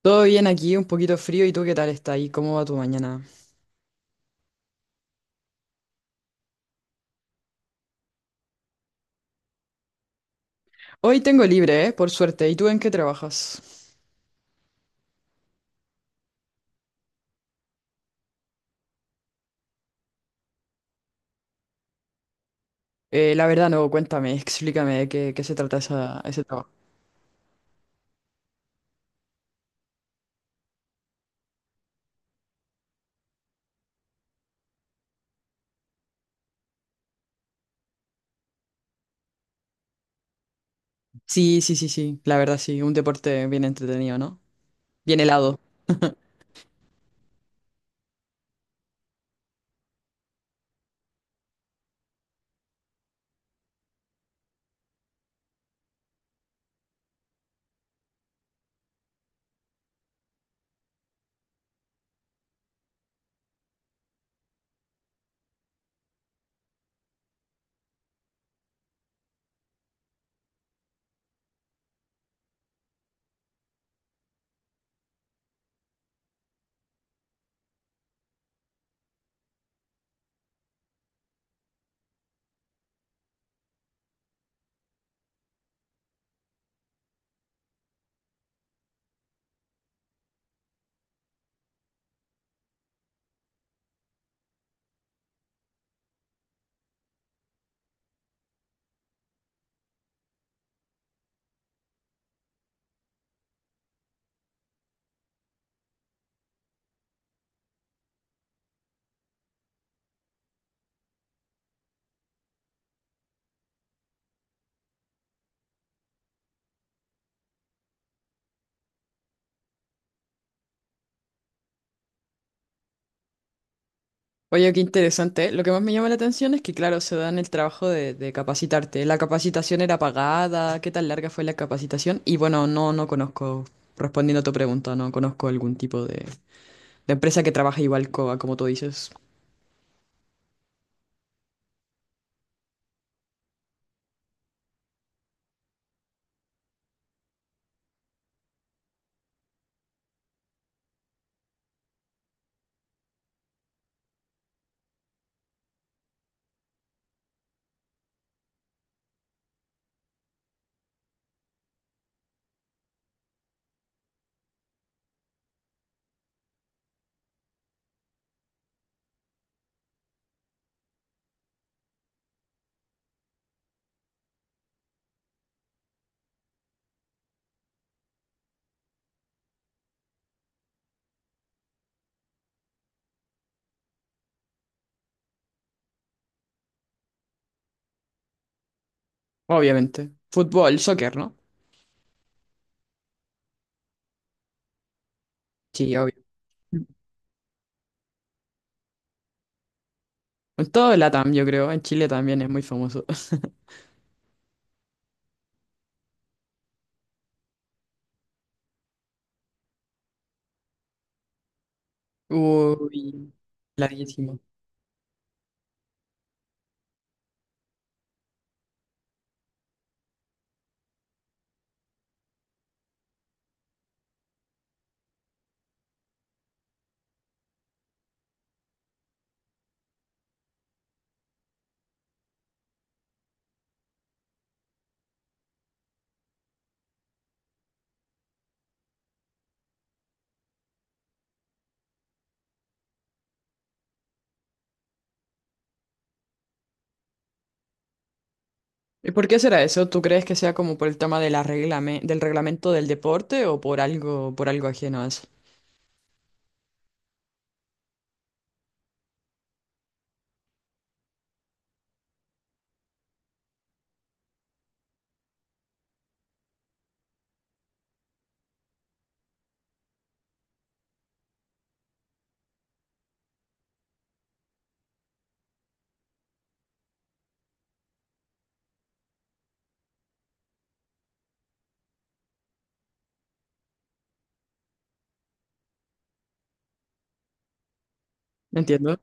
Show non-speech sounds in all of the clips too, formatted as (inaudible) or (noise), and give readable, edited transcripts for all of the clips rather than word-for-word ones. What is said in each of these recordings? Todo bien aquí, un poquito frío. ¿Y tú qué tal está ahí? ¿Cómo va tu mañana? Hoy tengo libre, ¿eh? Por suerte. ¿Y tú en qué trabajas? La verdad no, cuéntame, explícame de qué se trata ese trabajo. Sí, sí, sí, sí, la verdad sí, un deporte bien entretenido, ¿no? Bien helado. Oye, qué interesante. Lo que más me llama la atención es que, claro, se dan el trabajo de capacitarte. La capacitación era pagada, ¿qué tan larga fue la capacitación? Y bueno, no, no conozco, respondiendo a tu pregunta, no conozco algún tipo de empresa que trabaje igual como tú dices. Obviamente. Fútbol, soccer, ¿no? Sí, obvio. En todo el LATAM, yo creo. En Chile también es muy famoso. (laughs) Uy, larguísimo. ¿Y por qué será eso? ¿Tú crees que sea como por el tema de la del reglamento del deporte o por algo ajeno a eso? No entiendo.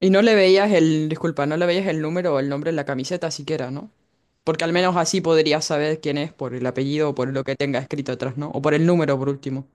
Y no le veías el, disculpa, no le veías el número o el nombre en la camiseta siquiera, ¿no? Porque al menos así podrías saber quién es por el apellido o por lo que tenga escrito atrás, ¿no? O por el número, por último.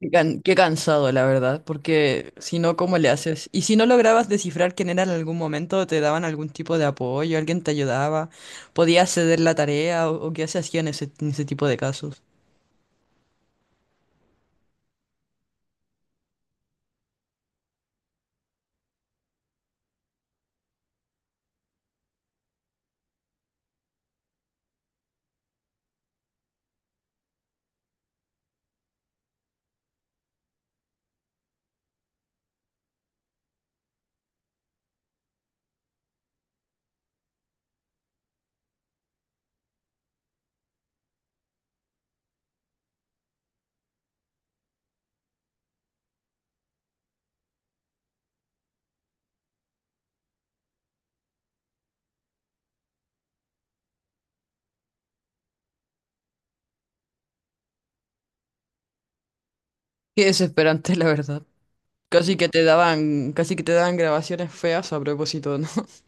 Qué cansado, la verdad, porque si no, ¿cómo le haces? Y si no lograbas descifrar quién era en algún momento, te daban algún tipo de apoyo, alguien te ayudaba, podías ceder la tarea o qué se hacía en ese tipo de casos. Qué desesperante, la verdad. Casi que te daban grabaciones feas a propósito, ¿no? (laughs)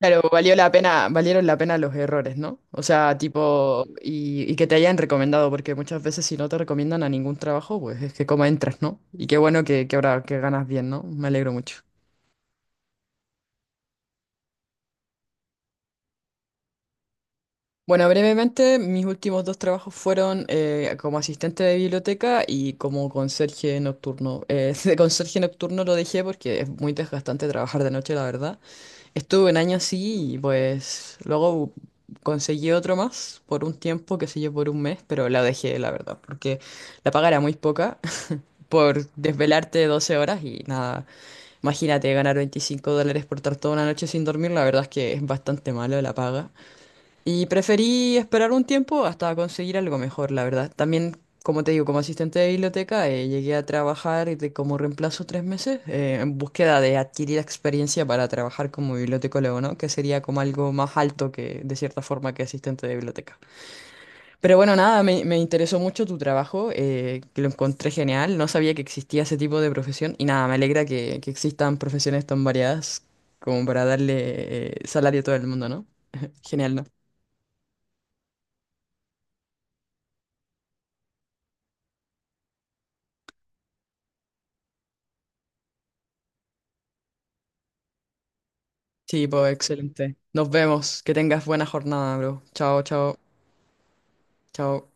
Claro, valió la pena, valieron la pena los errores, ¿no? O sea, tipo, y que te hayan recomendado, porque muchas veces si no te recomiendan a ningún trabajo, pues es que como entras, ¿no? Y qué bueno que ahora que ganas bien, ¿no? Me alegro mucho. Bueno, brevemente, mis últimos dos trabajos fueron como asistente de biblioteca y como conserje nocturno. (laughs) De conserje nocturno lo dejé porque es muy desgastante trabajar de noche, la verdad. Estuve un año así y pues luego conseguí otro más por un tiempo, qué sé yo, por un mes, pero la dejé, la verdad, porque la paga era muy poca (laughs) por desvelarte 12 horas y nada. Imagínate ganar 25 dólares por estar toda una noche sin dormir, la verdad es que es bastante malo la paga. Y preferí esperar un tiempo hasta conseguir algo mejor, la verdad. También, como te digo, como asistente de biblioteca, llegué a trabajar como reemplazo 3 meses en búsqueda de adquirir experiencia para trabajar como bibliotecólogo, ¿no? Que sería como algo más alto que, de cierta forma, que asistente de biblioteca. Pero bueno, nada, me interesó mucho tu trabajo, que lo encontré genial. No sabía que existía ese tipo de profesión y nada, me alegra que existan profesiones tan variadas como para darle salario a todo el mundo, ¿no? Genial, ¿no? Sí, pues excelente. Nos vemos. Que tengas buena jornada, bro. Chao, chao, chao.